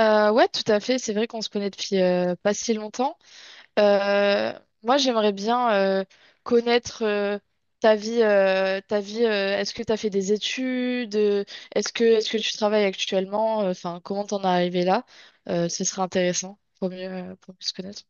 Ouais, tout à fait. C'est vrai qu'on se connaît depuis pas si longtemps. Euh, Moi, j'aimerais bien euh, connaître ta vie. Est-ce que tu as fait des études? Est-ce que tu travailles actuellement? Enfin, comment t'en es arrivé là? Ce serait intéressant pour pour mieux se connaître.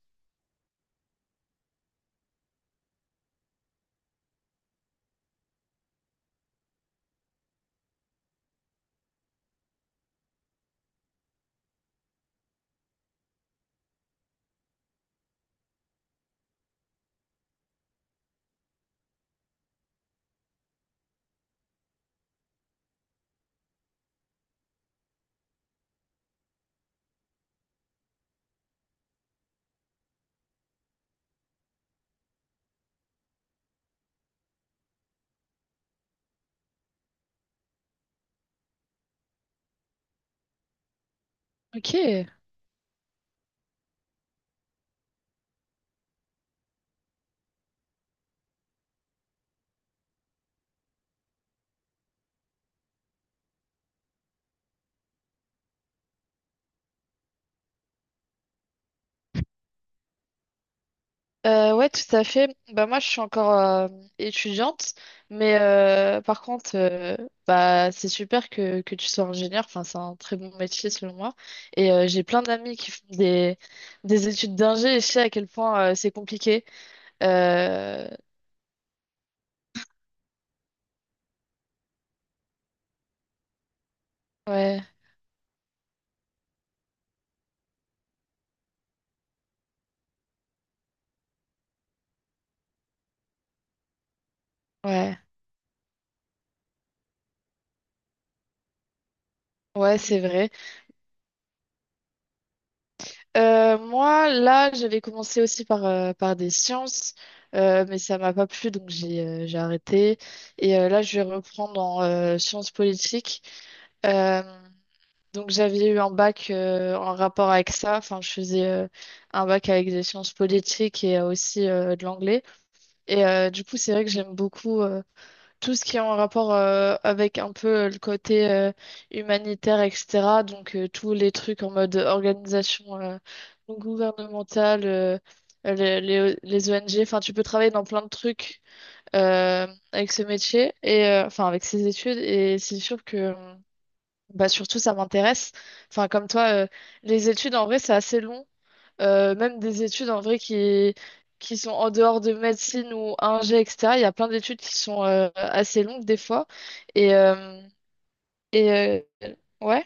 Ok. Ouais, tout à fait. Bah moi, je suis encore étudiante, mais par contre, bah c'est super que tu sois ingénieur. Enfin, c'est un très bon métier selon moi. Et j'ai plein d'amis qui font des études d'ingé et je sais à quel point c'est compliqué. Euh, ouais, ouais, ouais, c'est vrai. Moi, là, j'avais commencé aussi par par des sciences, mais ça m'a pas plu, donc j'ai arrêté. Et là, je vais reprendre en sciences politiques. Euh, Donc j'avais eu un bac en rapport avec ça. Enfin, je faisais un bac avec des sciences politiques et aussi de l'anglais. Et du coup, c'est vrai que j'aime beaucoup tout ce qui est en rapport avec un peu le côté humanitaire, etc. Donc tous les trucs en mode organisation gouvernementale, les ONG. Enfin, tu peux travailler dans plein de trucs euh, avec ce métier et enfin avec ces études. Et c'est sûr que bah surtout, ça m'intéresse. Enfin, comme toi, les études, en vrai, c'est assez long. Même des études, en vrai, qui sont en dehors de médecine ou ingé, etc. Il y a plein d'études qui sont assez longues, des fois. Et, euh, et euh, ouais,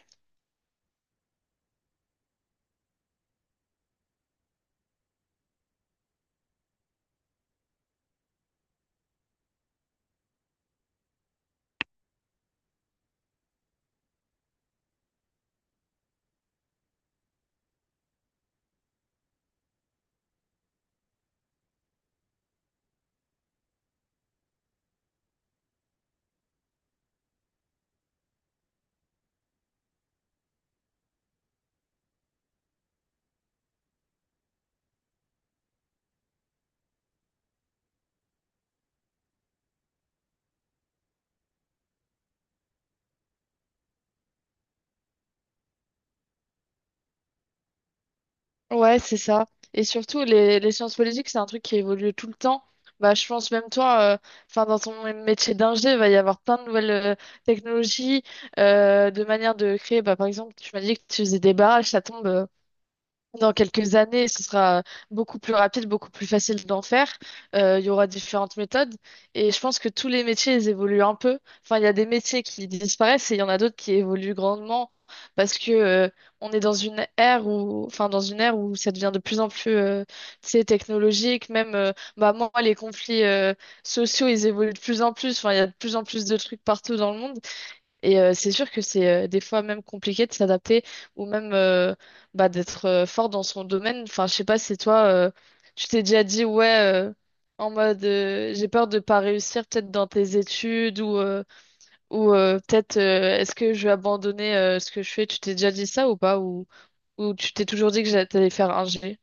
ouais, c'est ça. Et surtout, les sciences politiques, c'est un truc qui évolue tout le temps. Bah, je pense même toi, enfin, dans ton métier d'ingé, il va y avoir plein de nouvelles technologies, de manières de créer. Bah, par exemple, tu m'as dit que tu faisais des barrages, ça tombe. Dans quelques années, ce sera beaucoup plus rapide, beaucoup plus facile d'en faire. Il y aura différentes méthodes. Et je pense que tous les métiers, ils évoluent un peu. Enfin, il y a des métiers qui disparaissent et il y en a d'autres qui évoluent grandement parce que, on est dans une ère où, enfin, dans une ère où ça devient de plus en plus, tu sais, technologique. Même, bah, moi, les conflits, sociaux, ils évoluent de plus en plus. Enfin, il y a de plus en plus de trucs partout dans le monde. Et c'est sûr que c'est des fois même compliqué de s'adapter ou même bah, d'être fort dans son domaine. Enfin, je sais pas si toi, tu t'es déjà dit, ouais, en mode, j'ai peur de pas réussir peut-être dans tes études ou, peut-être, est-ce que je vais abandonner ce que je fais? Tu t'es déjà dit ça ou pas? Ou tu t'es toujours dit que j'allais t'allais faire un G?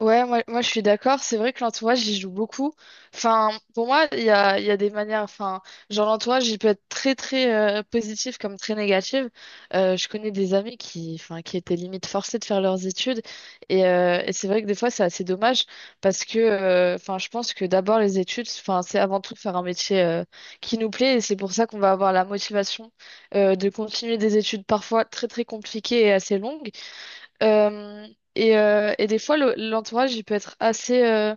Ouais, moi je suis d'accord. C'est vrai que l'entourage, j'y joue beaucoup. Enfin, pour moi, il y a des manières. Enfin, genre, l'entourage, il peut être très positif comme très négatif. Je connais des amis qui, enfin, qui étaient limite forcés de faire leurs études. Et c'est vrai que des fois, c'est assez dommage parce que, enfin, je pense que d'abord, les études, enfin, c'est avant tout faire un métier qui nous plaît. Et c'est pour ça qu'on va avoir la motivation de continuer des études parfois très compliquées et assez longues. Euh, et des fois, l'entourage, il peut être assez,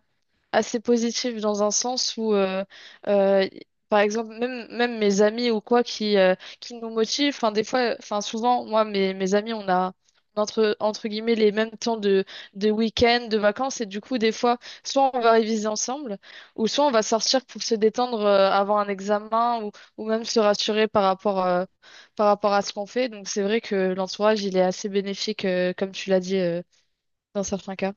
assez positif dans un sens où, euh, par exemple, même mes amis ou quoi qui nous motivent, enfin, des fois, enfin, souvent, moi, mes amis, on a entre guillemets les mêmes temps de week-end, de vacances, et du coup, des fois, soit on va réviser ensemble, ou soit on va sortir pour se détendre avant un examen, ou même se rassurer par par rapport à ce qu'on fait. Donc, c'est vrai que l'entourage, il est assez bénéfique, comme tu l'as dit, dans certains cas.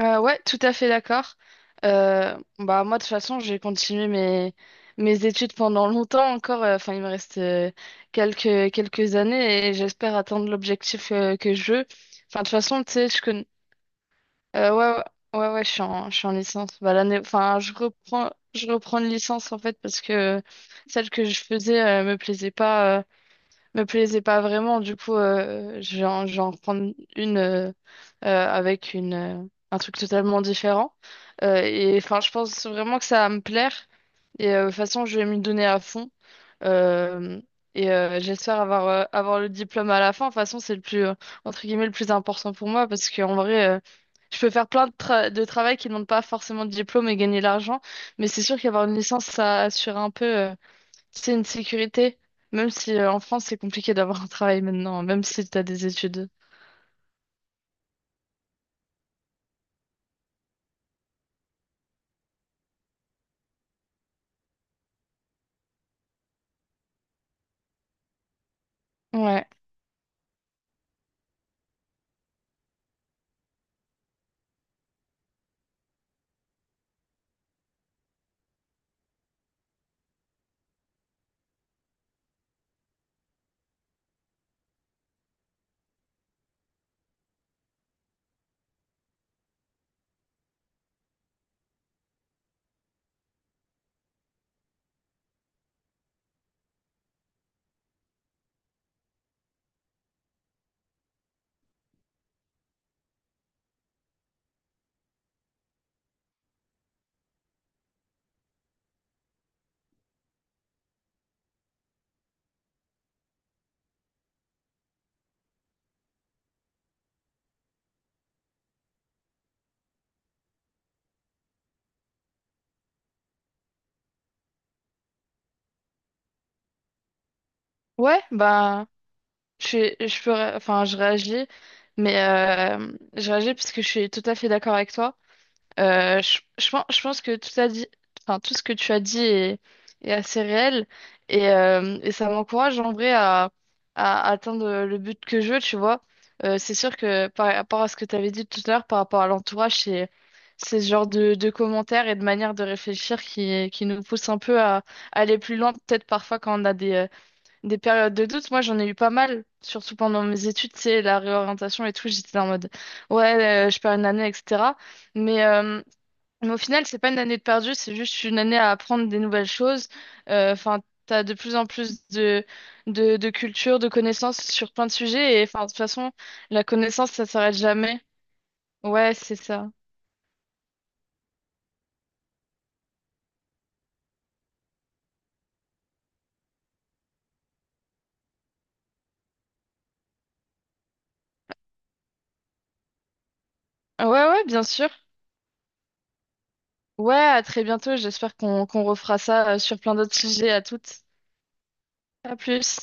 Ouais, tout à fait d'accord. Bah moi de toute façon j'ai continué mes études pendant longtemps encore. Enfin il me reste quelques années et j'espère atteindre l'objectif que je veux. Enfin de toute façon tu sais je connais. Ouais, ouais, je suis en licence. Bah l'année enfin je reprends une licence en fait parce que celle que je faisais me plaisait pas vraiment. Du coup, je vais en prendre une avec un truc totalement différent. Et enfin, je pense vraiment que ça va me plaire. Et de toute façon, je vais m'y donner à fond. Euh, J'espère avoir, avoir le diplôme à la fin. De toute façon, c'est le plus, entre guillemets, le plus important pour moi parce qu'en vrai, je peux faire plein de, de travail qui ne demande pas forcément de diplôme et gagner de l'argent. Mais c'est sûr qu'avoir une licence, ça assure un peu. C'est une sécurité, même si en France c'est compliqué d'avoir un travail maintenant, même si t'as des études. Ouais. Ouais, bah je suis- je peux ré- enfin je réagis, mais je réagis parce que je suis tout à fait d'accord avec toi. Je pense, que a dit, enfin, tout ce que tu as dit est assez réel et ça m'encourage en vrai à atteindre le but que je veux, tu vois. C'est sûr que par rapport à ce que tu avais dit tout à l'heure, par rapport à l'entourage, c'est ce genre de commentaires et de manière de réfléchir qui nous pousse un peu à aller plus loin, peut-être parfois quand on a des périodes de doute. Moi, j'en ai eu pas mal, surtout pendant mes études, c'est la réorientation et tout, j'étais en mode, ouais, je perds une année, etc. Mais, euh, mais au final, c'est pas une année de perdu, c'est juste une année à apprendre des nouvelles choses. Enfin, t'as de plus en plus de, de culture, de connaissances sur plein de sujets. Et enfin, de toute façon, la connaissance, ça s'arrête jamais. Ouais, c'est ça. Ouais, ouais, bien sûr. Ouais, à très bientôt. J'espère qu'on refera ça sur plein d'autres sujets. À toutes. À plus.